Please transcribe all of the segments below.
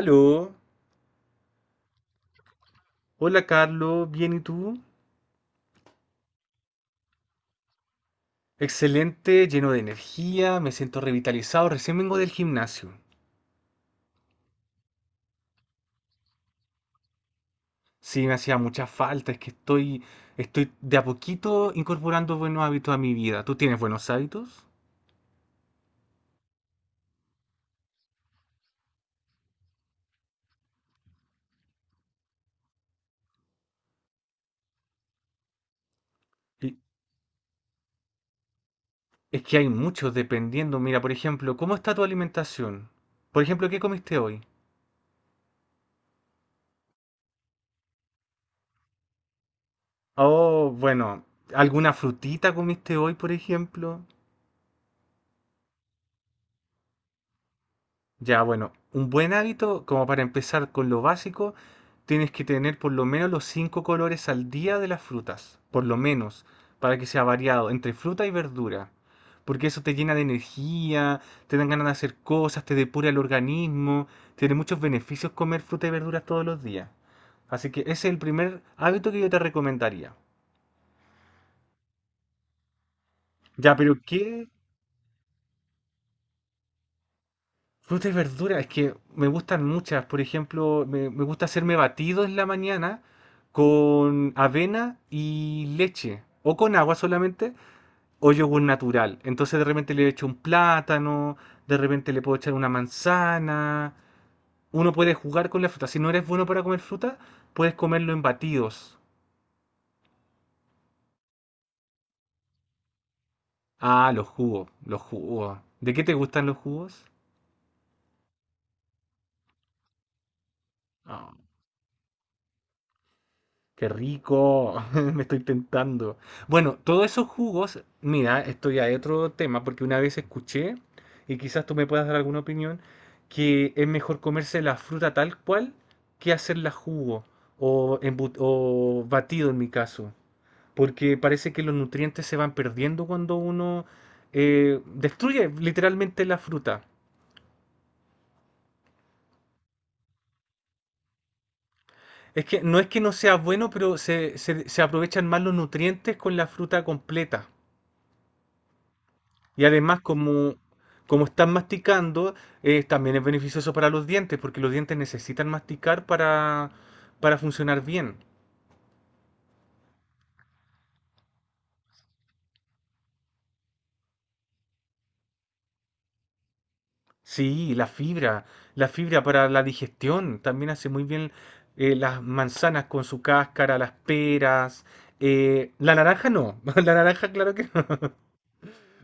Aló, hola Carlos, ¿bien y tú? Excelente, lleno de energía, me siento revitalizado, recién vengo del gimnasio. Sí, me hacía mucha falta, es que estoy de a poquito incorporando buenos hábitos a mi vida. ¿Tú tienes buenos hábitos? Y es que hay muchos dependiendo. Mira, por ejemplo, ¿cómo está tu alimentación? Por ejemplo, ¿qué comiste hoy? Oh, bueno, ¿alguna frutita comiste hoy, por ejemplo? Ya, bueno, un buen hábito, como para empezar con lo básico, tienes que tener por lo menos los 5 colores al día de las frutas, por lo menos, para que sea variado entre fruta y verdura, porque eso te llena de energía, te dan ganas de hacer cosas, te depura el organismo, tiene muchos beneficios comer fruta y verduras todos los días. Así que ese es el primer hábito que yo te recomendaría. Ya, pero ¿qué? Frutas y verduras, es que me gustan muchas. Por ejemplo, me gusta hacerme batidos en la mañana con avena y leche, o con agua solamente, o yogur natural. Entonces de repente le echo un plátano, de repente le puedo echar una manzana. Uno puede jugar con la fruta. Si no eres bueno para comer fruta, puedes comerlo en batidos. Ah, los jugos, los jugos. ¿De qué te gustan los jugos? Qué rico, me estoy tentando. Bueno, todos esos jugos, mira, esto ya es otro tema, porque una vez escuché, y quizás tú me puedas dar alguna opinión, que es mejor comerse la fruta tal cual que hacerla jugo o, o batido en mi caso, porque parece que los nutrientes se van perdiendo cuando uno destruye literalmente la fruta. Es que no sea bueno, pero se aprovechan más los nutrientes con la fruta completa. Y además, como, como están masticando, también es beneficioso para los dientes, porque los dientes necesitan masticar para funcionar bien. Sí, la fibra para la digestión, también hace muy bien las manzanas con su cáscara, las peras, la naranja no, la naranja claro que no,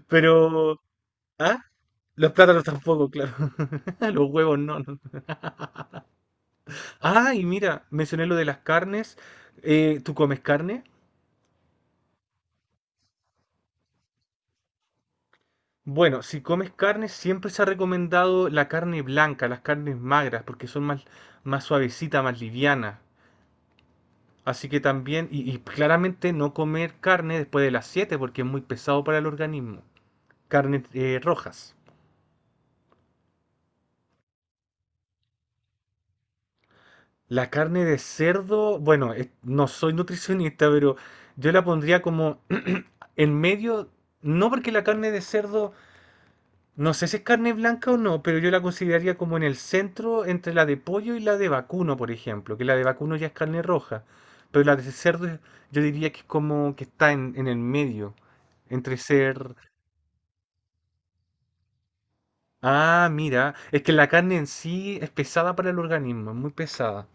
pero... ¿Ah? Los plátanos tampoco, claro. Los huevos no, no. Ah, y mira, mencioné lo de las carnes. ¿ tú comes carne? Bueno, si comes carne, siempre se ha recomendado la carne blanca, las carnes magras, porque son más, más suavecitas, más livianas. Así que también, y claramente no comer carne después de las 7 porque es muy pesado para el organismo. Carnes rojas. La carne de cerdo, bueno, no soy nutricionista, pero yo la pondría como en medio, no porque la carne de cerdo no sé si es carne blanca o no, pero yo la consideraría como en el centro entre la de pollo y la de vacuno, por ejemplo, que la de vacuno ya es carne roja, pero la de cerdo yo diría que es como que está en el medio, entre ser... Ah, mira, es que la carne en sí es pesada para el organismo, es muy pesada.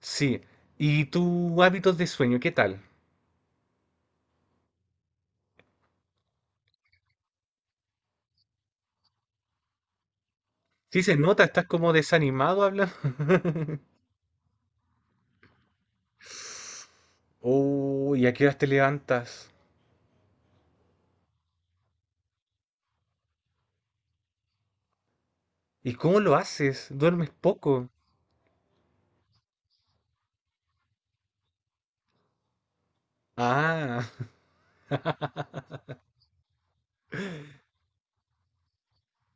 Sí, ¿y tus hábitos de sueño, qué tal? Sí, se nota, estás como desanimado hablando. Oh, ¿y a qué horas te levantas? ¿Y cómo lo haces? ¿Duermes poco? Ah.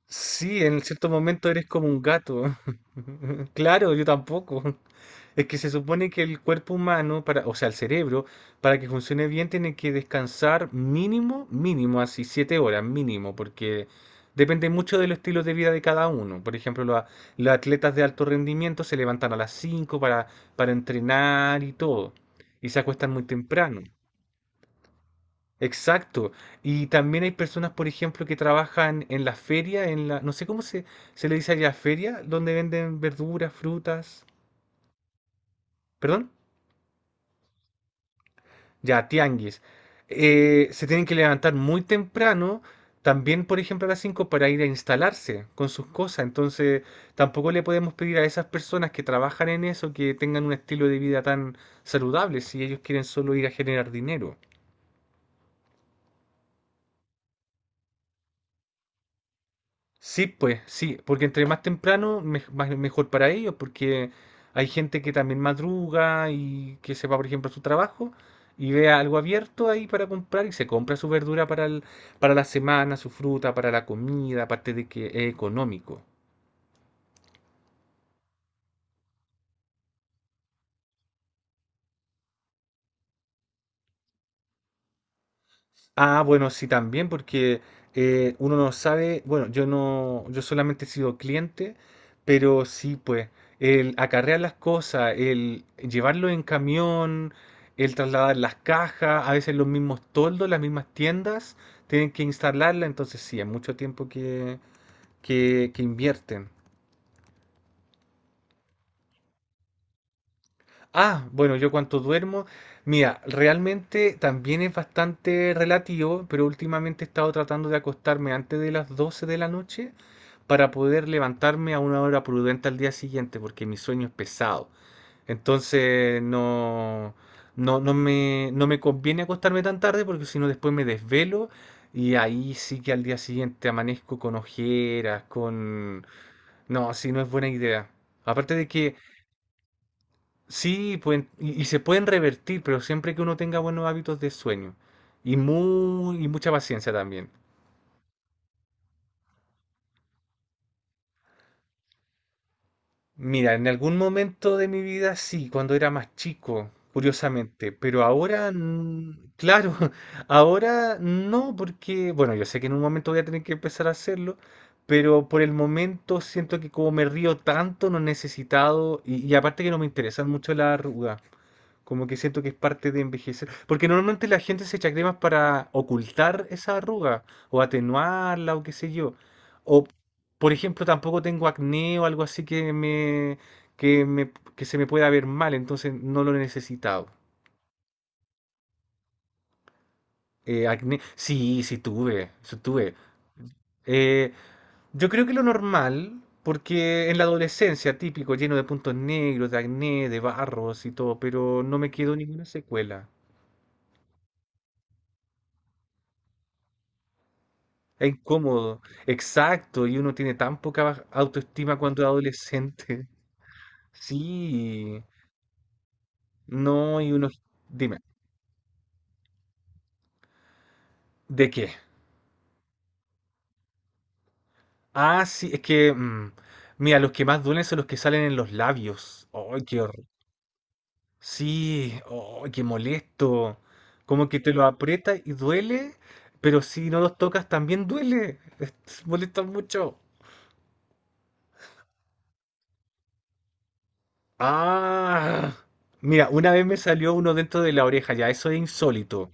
Sí, en cierto momento eres como un gato. Claro, yo tampoco. Es que se supone que el cuerpo humano, para, o sea, el cerebro, para que funcione bien, tiene que descansar mínimo, mínimo, así, 7 horas mínimo, porque depende mucho de los estilos de vida de cada uno. Por ejemplo, los atletas de alto rendimiento se levantan a las 5 para entrenar y todo, y se acuestan muy temprano. Exacto. Y también hay personas, por ejemplo, que trabajan en la feria, en la, no sé cómo se, se le dice allá, feria, donde venden verduras, frutas, perdón, ya, tianguis. Se tienen que levantar muy temprano, también, por ejemplo, a las 5 para ir a instalarse con sus cosas. Entonces, tampoco le podemos pedir a esas personas que trabajan en eso que tengan un estilo de vida tan saludable si ellos quieren solo ir a generar dinero. Sí, pues, sí, porque entre más temprano, mejor para ellos, porque hay gente que también madruga y que se va, por ejemplo, a su trabajo y ve algo abierto ahí para comprar y se compra su verdura para la semana, su fruta, para la comida, aparte de que es económico. Ah, bueno, sí, también, porque uno no sabe, bueno, yo no, yo solamente he sido cliente, pero sí, pues, el acarrear las cosas, el llevarlo en camión, el trasladar las cajas, a veces los mismos toldos, las mismas tiendas, tienen que instalarla, entonces sí, es mucho tiempo que, que invierten. Ah, bueno, yo cuánto duermo. Mira, realmente también es bastante relativo, pero últimamente he estado tratando de acostarme antes de las 12 de la noche para poder levantarme a una hora prudente al día siguiente, porque mi sueño es pesado. Entonces no, no, no me conviene acostarme tan tarde porque si no después me desvelo y ahí sí que al día siguiente amanezco con ojeras, con... No, así no es buena idea. Aparte de que sí, y se pueden revertir, pero siempre que uno tenga buenos hábitos de sueño y, muy, y mucha paciencia también. Mira, en algún momento de mi vida sí, cuando era más chico, curiosamente, pero ahora, mm, claro, ahora no, porque, bueno, yo sé que en un momento voy a tener que empezar a hacerlo, pero por el momento siento que como me río tanto, no he necesitado, y aparte que no me interesan mucho las arrugas. Como que siento que es parte de envejecer. Porque normalmente la gente se echa cremas para ocultar esa arruga o atenuarla o qué sé yo. O, por ejemplo, tampoco tengo acné o algo así que se me pueda ver mal, entonces no lo he necesitado. Acné, sí, sí tuve. Eh, yo creo que lo normal, porque en la adolescencia típico, lleno de puntos negros, de acné, de barros y todo, pero no me quedó ninguna secuela. Es incómodo, exacto, y uno tiene tan poca autoestima cuando es adolescente. Sí, no, y uno... Dime, ¿de qué? Ah, sí, es que... mira, los que más duelen son los que salen en los labios. ¡Ay, qué horror! Sí, ¡ay, qué molesto! Como que te lo aprietas y duele, pero si no los tocas también duele. Molesta mucho. Ah, mira, una vez me salió uno dentro de la oreja, ya, eso es insólito.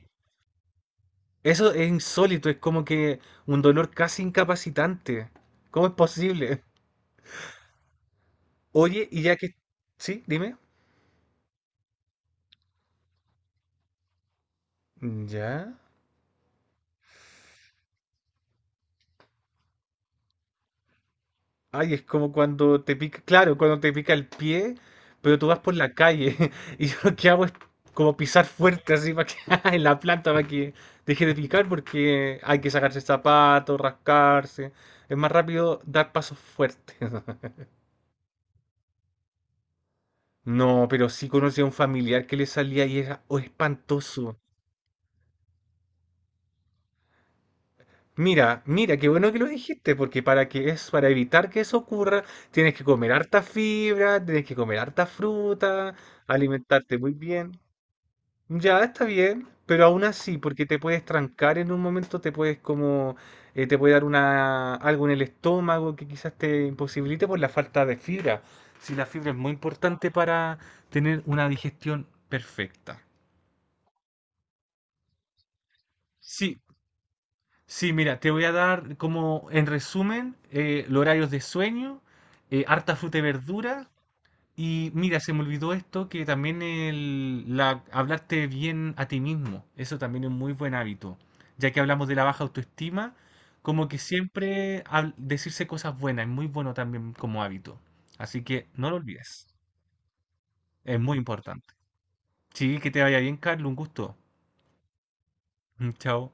Eso es insólito, es como que un dolor casi incapacitante. ¿Cómo es posible? Oye, y ya que... Sí, dime. Mm, ya. Ay, es como cuando te pica, claro, cuando te pica el pie, pero tú vas por la calle y yo lo que hago es como pisar fuerte así para que en la planta para que deje de picar porque hay que sacarse zapatos, rascarse. Es más rápido dar pasos fuertes. No, pero sí conocí a un familiar que le salía y era oh, espantoso. Mira, mira, qué bueno que lo dijiste, porque para que es, para evitar que eso ocurra, tienes que comer harta fibra, tienes que comer harta fruta, alimentarte muy bien. Ya está bien, pero aún así, porque te puedes trancar en un momento, te puede dar una, algo en el estómago que quizás te imposibilite por la falta de fibra. Si la fibra es muy importante para tener una digestión perfecta. Sí, sí, mira, te voy a dar como en resumen los horarios de sueño, harta fruta y verdura. Y mira, se me olvidó esto, que también hablarte bien a ti mismo, eso también es un muy buen hábito. Ya que hablamos de la baja autoestima, como que siempre decirse cosas buenas es muy bueno también como hábito. Así que no lo olvides, es muy importante. Sí, que te vaya bien, Carlos, un gusto. Chao.